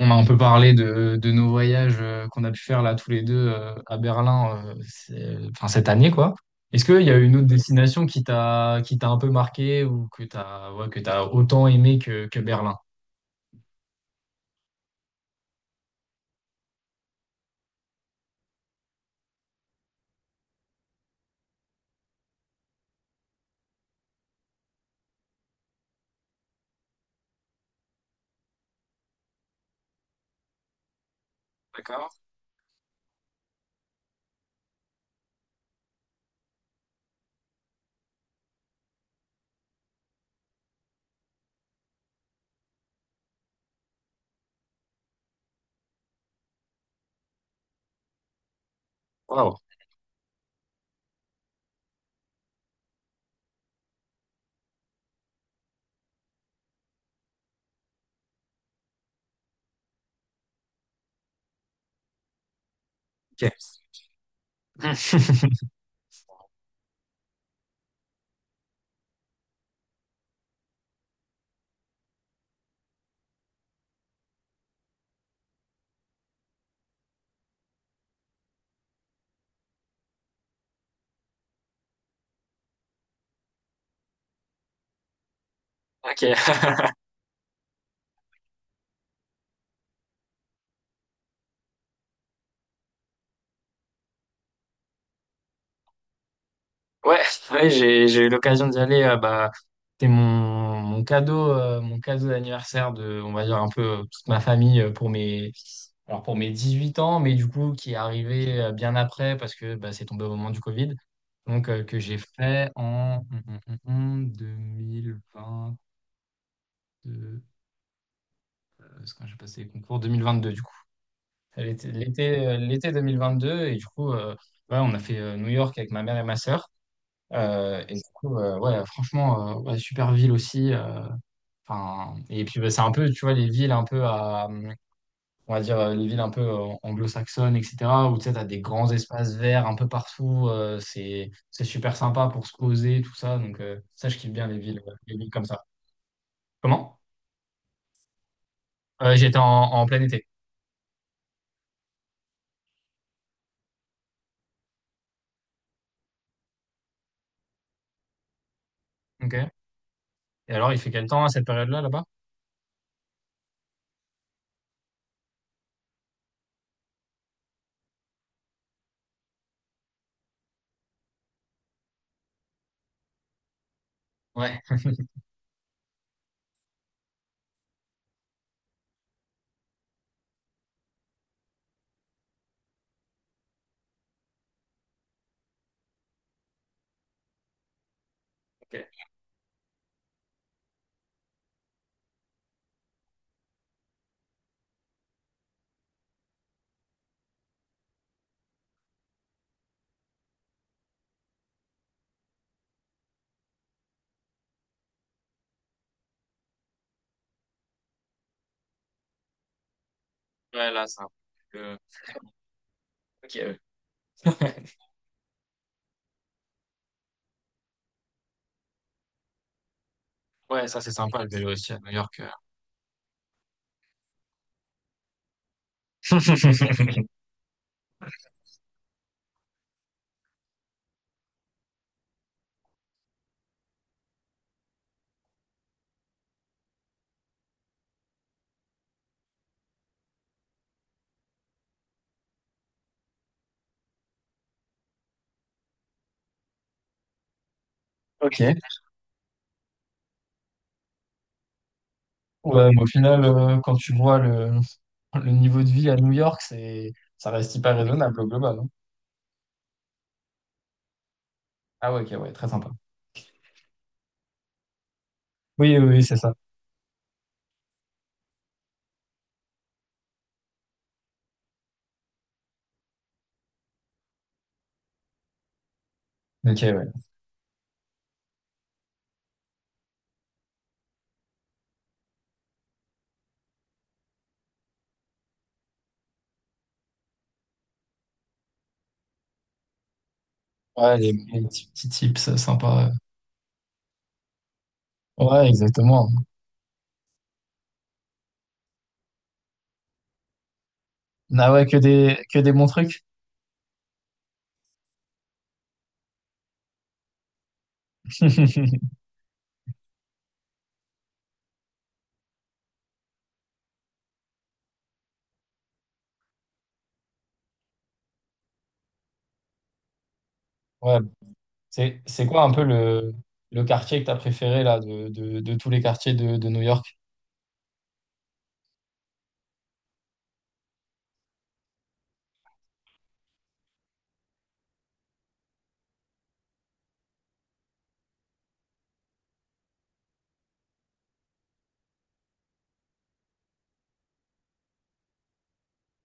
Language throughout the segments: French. On a un peu parlé de nos voyages qu'on a pu faire là tous les deux à Berlin, enfin, cette année quoi. Est-ce qu'il y a une autre destination qui t'a un peu marqué ou que t'as ouais, que t'as autant aimé que Berlin? D'accord. Wow. Ok. Ok. Ouais, ouais, j'ai eu l'occasion d'y aller. Bah, c'était mon cadeau, mon cadeau d'anniversaire de, on va dire un peu toute ma famille, pour mes alors pour mes 18 ans, mais du coup qui est arrivé bien après parce que bah, c'est tombé au moment du Covid, donc que j'ai fait en 2022. euh, C'est quand j'ai passé les concours 2022 du coup. L'été 2022 et du coup ouais, on a fait New York avec ma mère et ma sœur. Et du coup, ouais, franchement, ouais, super ville aussi. Enfin, et puis bah, c'est un peu, tu vois, les villes un peu on va dire, les villes un peu anglo-saxonnes, etc. Où tu sais, t'as des grands espaces verts un peu partout. C'est super sympa pour se poser, tout ça. Donc ça, je kiffe bien les villes comme ça. Comment? J'étais en plein été. Ok. Et alors, il fait quel temps à cette période-là, là-bas? Ouais. Ok. Ouais, là, c'est un peu, ok, ouais. Ouais, ça, c'est sympa le vélo aussi à New York. Ok. Ouais, mais au final, quand tu vois le niveau de vie à New York, ça reste hyper raisonnable au global, hein. Ah ouais, ok, ouais, très sympa. Oui, oui, oui, c'est ça. Ok, ouais. Ouais, les petits, petits tips sympas. Ouais, exactement. Ah ouais, que des bons trucs. Ouais. C'est quoi un peu le quartier que t'as préféré là, de tous les quartiers de New York?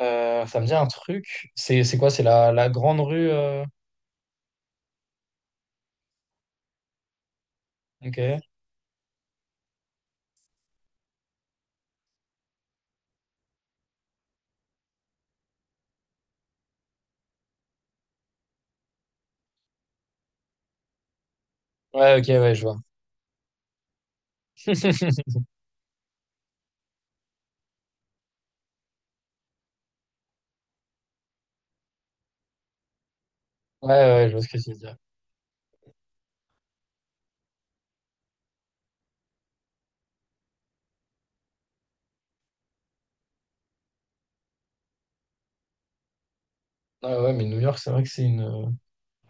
Ça me dit un truc. C'est quoi? C'est la grande rue. Ok. Ouais, ok, ouais, je vois. Ouais, ouais, je vois ce que tu veux dire. Ah ouais, mais New York, c'est vrai que c'est une,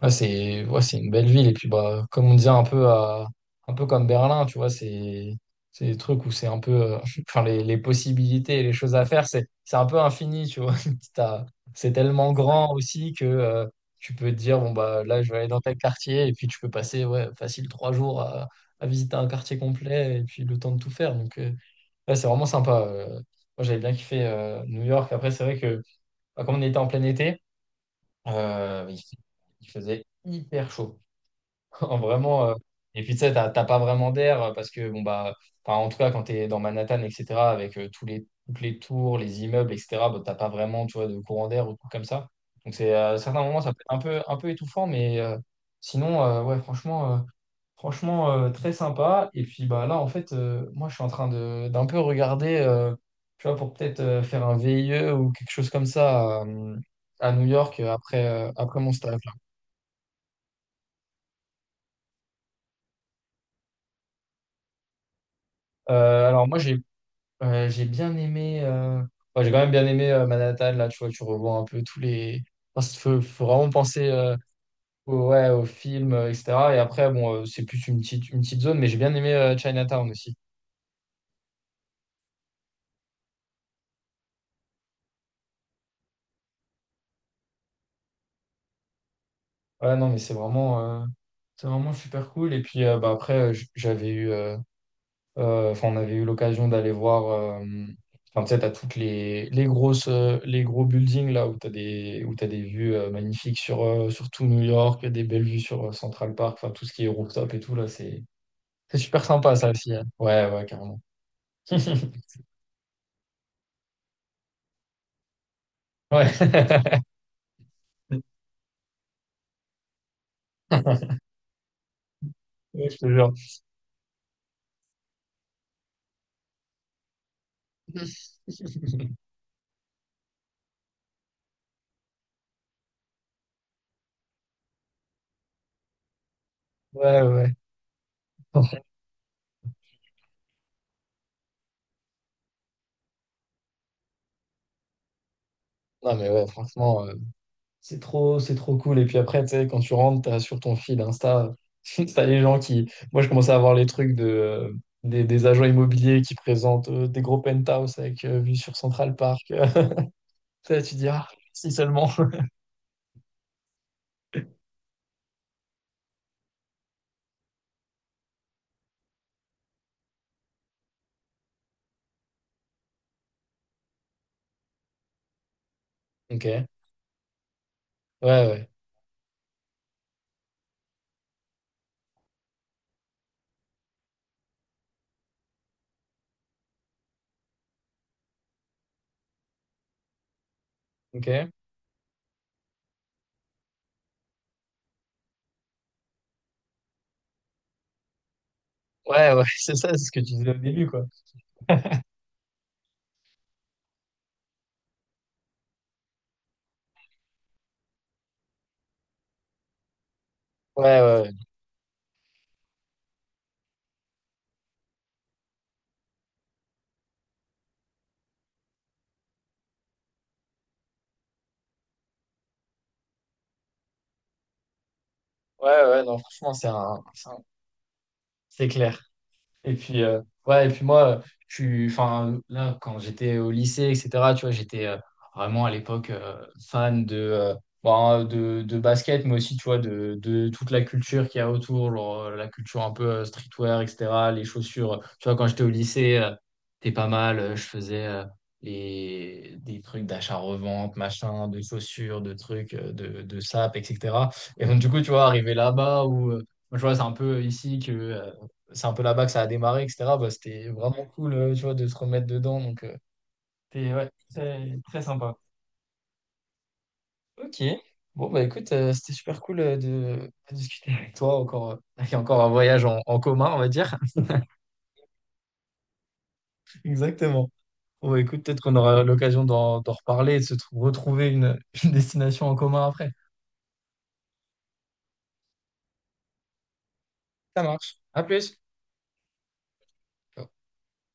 ah, c'est, ouais, c'est une belle ville. Et puis, bah, comme on disait un peu un peu comme Berlin, tu vois, c'est des trucs où c'est un peu, enfin, les possibilités et les choses à faire, c'est un peu infini, tu vois. T'as- C'est tellement grand aussi que, tu peux te dire, bon, bah, là, je vais aller dans tel quartier. Et puis, tu peux passer, ouais, facile 3 jours à visiter un quartier complet et puis le temps de tout faire. Donc, ouais, c'est vraiment sympa. Moi, j'avais bien kiffé, New York. Après, c'est vrai que, bah, comme on était en plein été, euh, il, fait- il faisait hyper chaud. Vraiment. Et puis, tu sais, t'as pas vraiment d'air parce que, bon, bah, enfin, en tout cas, quand tu es dans Manhattan, etc., avec tous les, toutes les tours, les immeubles, etc., bah, t'as pas vraiment, tu vois, de courant d'air ou tout comme ça. Donc, c'est, à certains moments, ça peut être un peu étouffant, mais sinon, ouais, franchement, très sympa. Et puis, bah, là, en fait, moi, je suis en train d'un peu regarder, tu vois, pour peut-être faire un VIE ou quelque chose comme ça à, New York après mon stage. Alors moi j'ai bien aimé. Ouais, j'ai quand même bien aimé Manhattan. Là, tu vois, tu revois un peu tous les. Parce qu'il faut vraiment penser, ouais, au film, etc. Et après, bon, c'est plus une petite zone, mais j'ai bien aimé Chinatown aussi. Ouais, non, mais c'est vraiment super cool. Et puis, bah, après, j'avais eu. Enfin, on avait eu l'occasion d'aller voir. Enfin, tu sais, t'as toutes les grosses, les gros buildings là où t'as des vues magnifiques sur, sur tout New York, des belles vues sur Central Park, enfin tout ce qui est rooftop et tout là, c'est super sympa ça aussi, hein. Ouais, ouais, carrément. Ouais. Ouais, je te jure. Ouais, ouais. Non mais ouais, franchement, c'est trop, c'est trop cool. Et puis après, tu sais, quand tu rentres, t'as sur ton fil Insta, t'as les gens qui. Moi, je commençais à voir les trucs de, des agents immobiliers qui présentent des gros penthouse avec vue sur Central Park. Ça, tu dis, ah, si seulement. Ok. Ouais, ouais. Ok. Ouais, ouais, c'est ça, c'est ce que tu disais au début, quoi. Ouais, ouais. Ouais, ouais, ouais, non, franchement, c'est clair. Et puis, ouais, et puis moi, je suis, enfin, là, quand j'étais au lycée, etc., tu vois, j'étais vraiment à l'époque fan de, bon, de basket, mais aussi, tu vois, de toute la culture qu'il y a autour, genre, la culture un peu streetwear, etc., les chaussures. Tu vois, quand j'étais au lycée, t'es pas mal, je faisais des trucs d'achat-revente, machin, de chaussures, de trucs, de sapes, etc. Et donc, du coup, tu vois, arrivé là-bas où, moi, je vois, c'est un peu là-bas que ça a démarré, etc. Bah, c'était vraiment cool, tu vois, de se remettre dedans. Donc, c'était ouais, très, très sympa. Ok. Bon, bah écoute, c'était super cool de discuter avec toi. Encore, il y a encore un voyage en commun, on va dire. Exactement. Bon, bah, écoute, peut-être qu'on aura l'occasion d'en reparler et de se retrouver une, une destination en commun après. Ça marche. À plus. Ciao.